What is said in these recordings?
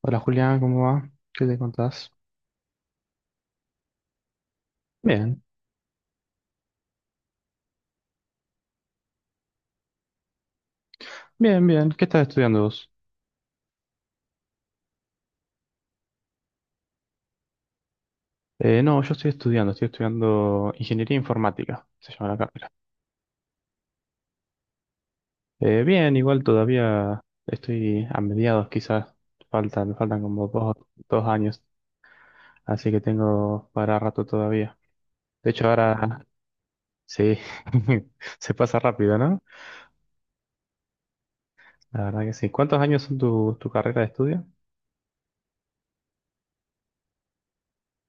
Hola Julián, ¿cómo va? ¿Qué te contás? Bien, bien, bien. ¿Qué estás estudiando vos? No, yo estoy estudiando Ingeniería Informática, se llama la carrera. Bien, igual todavía estoy a mediados, quizás me faltan como dos años, así que tengo para rato todavía. De hecho, ahora sí, se pasa rápido, ¿no? La verdad que sí. ¿Cuántos años son tu carrera de estudio?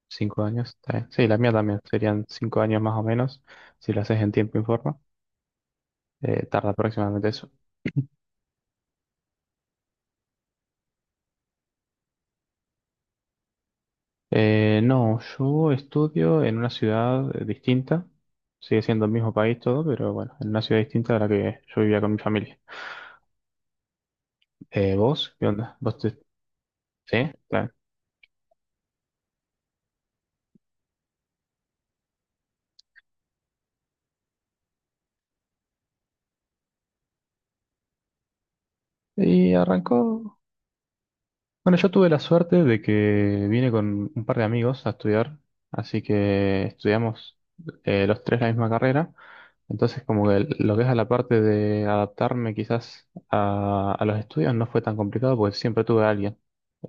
5 años, está bien. Sí, la mía también, serían 5 años más o menos, si lo haces en tiempo y forma. Tarda aproximadamente eso. No, yo estudio en una ciudad distinta. Sigue siendo el mismo país todo, pero bueno, en una ciudad distinta a la que yo vivía con mi familia. ¿Vos? ¿Qué onda? ¿Vos te... Sí, claro. Y arrancó. Bueno, yo tuve la suerte de que vine con un par de amigos a estudiar, así que estudiamos los tres la misma carrera. Entonces, como que lo que es a la parte de adaptarme quizás a los estudios no fue tan complicado porque siempre tuve a alguien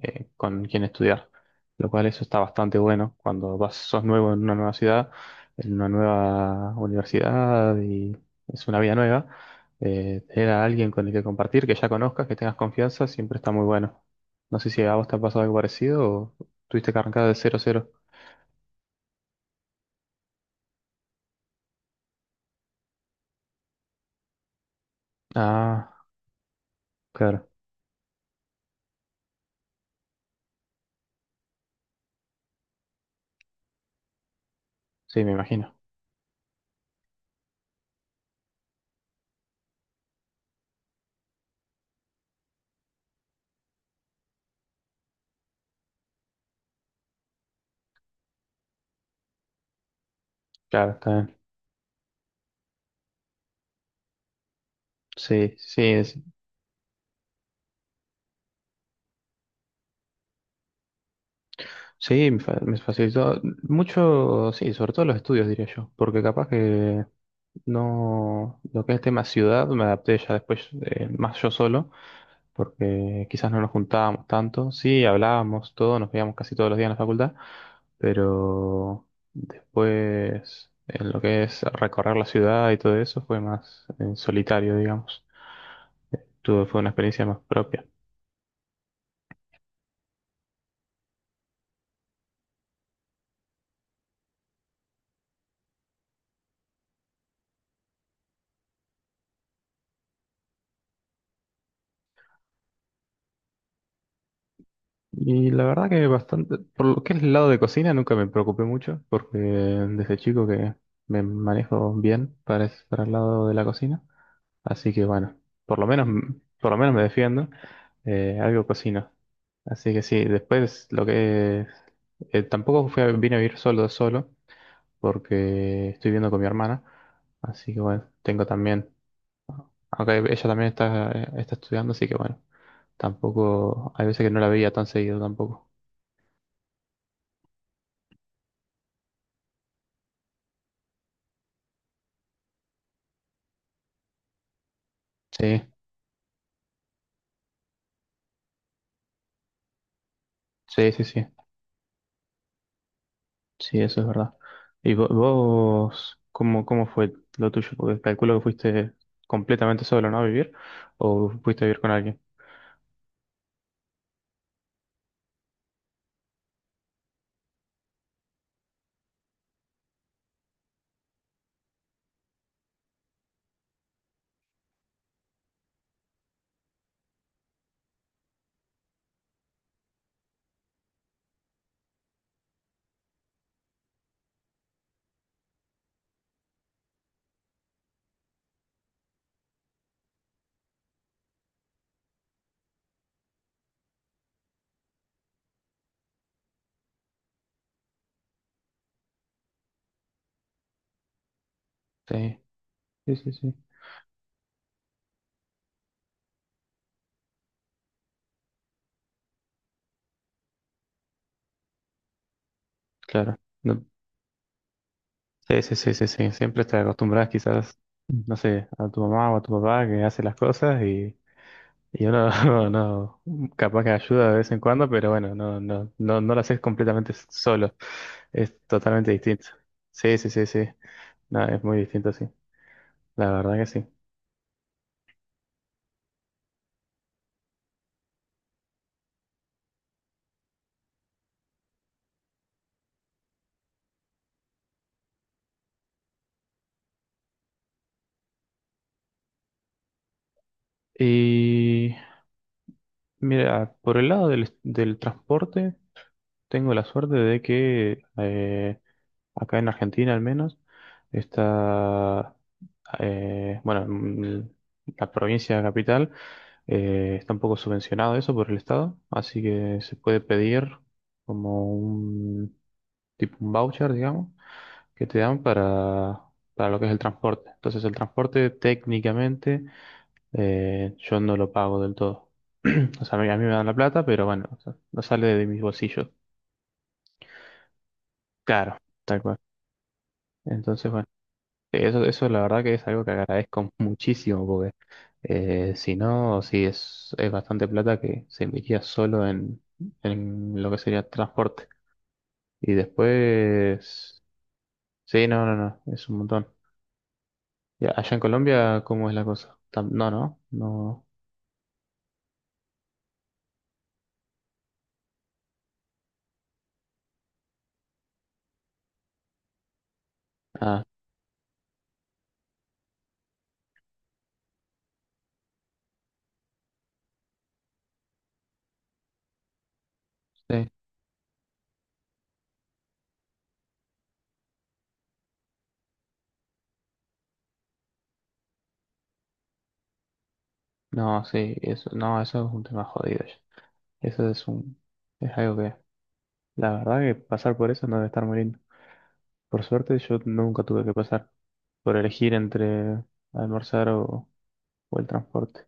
con quien estudiar, lo cual eso está bastante bueno cuando vas, sos nuevo en una nueva ciudad, en una nueva universidad y es una vida nueva. Tener a alguien con el que compartir, que ya conozcas, que tengas confianza, siempre está muy bueno. No sé si a vos te ha pasado algo parecido o tuviste que arrancar de cero cero. Ah, claro. Sí, me imagino. Claro, está bien. Sí, sí, sí, me facilitó mucho, sí, sobre todo los estudios, diría yo, porque capaz que no, lo que es tema ciudad, me adapté ya después más yo solo. Porque quizás no nos juntábamos tanto. Sí, hablábamos todo, nos veíamos casi todos los días en la facultad, pero después, en lo que es recorrer la ciudad y todo eso, fue más en solitario, digamos. Fue una experiencia más propia. Y la verdad que bastante, por lo que es el lado de cocina, nunca me preocupé mucho, porque desde chico que me manejo bien para el lado de la cocina. Así que bueno, por lo menos, por lo menos me defiendo. Algo cocino. Así que sí, después lo que tampoco vine a vivir solo solo porque estoy viviendo con mi hermana. Así que bueno, tengo también, aunque ella también está estudiando, así que bueno, tampoco, hay veces que no la veía tan seguido tampoco. Sí, sí, sí, sí. Sí, eso es verdad. ¿Y vos, cómo fue lo tuyo? Porque calculo que fuiste completamente solo, ¿no? A vivir. ¿O fuiste a vivir con alguien? Sí, sí, sí, sí. Claro. No- Sí, sí, sí, sí, sí. Siempre te acostumbras quizás, no sé, a tu mamá o a tu papá que hace las cosas y uno no, capaz que ayuda de vez en cuando, pero bueno, no, no, no, no lo haces completamente solo. Es totalmente distinto. Sí, sí, sí, sí. No, es muy distinto, sí. La verdad que sí. Mira, por el lado del transporte, tengo la suerte de que acá en Argentina al menos está, bueno, la provincia capital está un poco subvencionado eso por el Estado, así que se puede pedir como un tipo un voucher, digamos, que te dan para lo que es el transporte. Entonces el transporte técnicamente yo no lo pago del todo. O sea, a mí me dan la plata, pero bueno, o sea, no sale de mis bolsillos. Claro, tal cual. Entonces, bueno, eso la verdad que es algo que agradezco muchísimo, porque si no, sí es bastante plata que se invertía solo en, lo que sería transporte. Y después, sí, no, no, no, es un montón. Y allá en Colombia, ¿cómo es la cosa? No, no, no. Ah, sí, no, sí, eso, no, eso es un tema jodido. Eso es algo que, la verdad que pasar por eso no debe estar muy lindo. Por suerte yo nunca tuve que pasar por elegir entre almorzar o el transporte.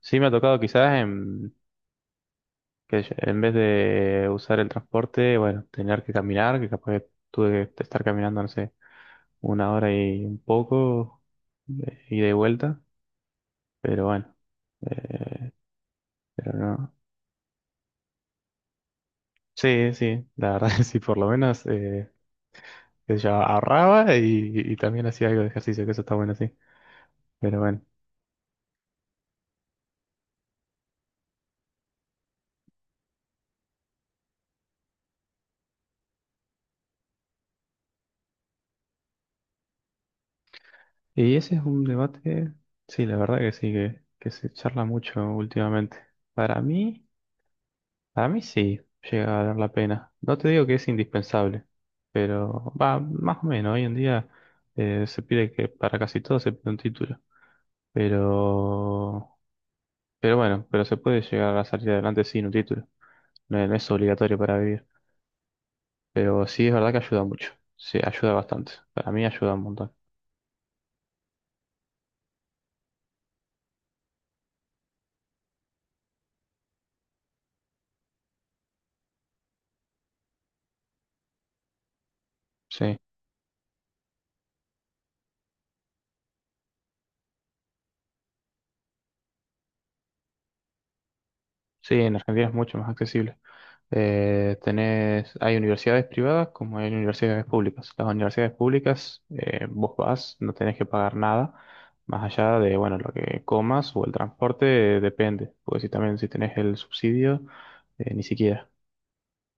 Sí me ha tocado quizás en vez de usar el transporte, bueno, tener que caminar, que capaz que tuve que estar caminando, no sé, una hora y un poco, ida y vuelta, pero bueno, eh, pero no. Sí, sí, la verdad que sí, por lo menos. Que yo ahorraba y también hacía algo de ejercicio, que eso está bueno, sí. Pero bueno, y ese es un debate, sí, la verdad que sí, que se charla mucho últimamente. Para mí, para mí sí, llega a valer la pena. No te digo que es indispensable, pero va, más o menos, hoy en día se pide que para casi todo se pide un título. Pero, pero bueno, pero se puede llegar a salir adelante sin un título. No, es no es obligatorio para vivir, pero sí es verdad que ayuda mucho. Sí, ayuda bastante. Para mí ayuda un montón. Sí, sí, en Argentina es mucho más accesible. Tenés, hay universidades privadas como hay universidades públicas. Las universidades públicas, vos vas, no tenés que pagar nada, más allá de, bueno, lo que comas o el transporte, depende, porque si también si tenés el subsidio, ni siquiera.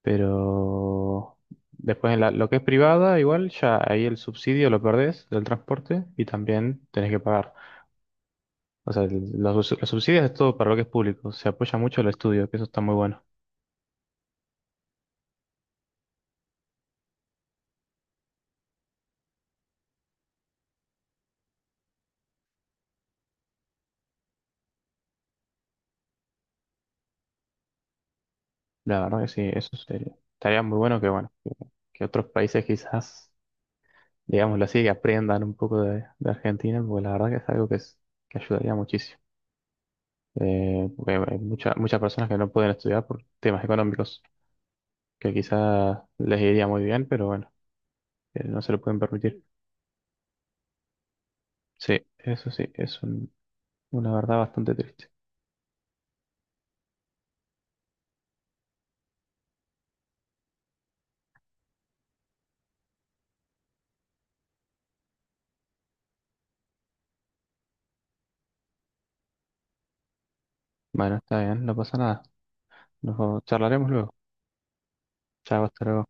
Pero después en la- lo que es privada, igual ya ahí el subsidio lo perdés del transporte y también tenés que pagar. O sea, los subsidios es todo para lo que es público. Se apoya mucho el estudio, que eso está muy bueno. La verdad que sí, eso sería. Estaría muy bueno que, bueno, que otros países quizás, digámoslo así, que aprendan un poco de Argentina, porque la verdad que es algo que, que ayudaría muchísimo. Porque hay muchas personas que no pueden estudiar por temas económicos, que quizás les iría muy bien, pero bueno, no se lo pueden permitir. Sí, eso sí, es una verdad bastante triste. Bueno, está bien, no pasa nada. Nos charlaremos luego. Chao, hasta luego.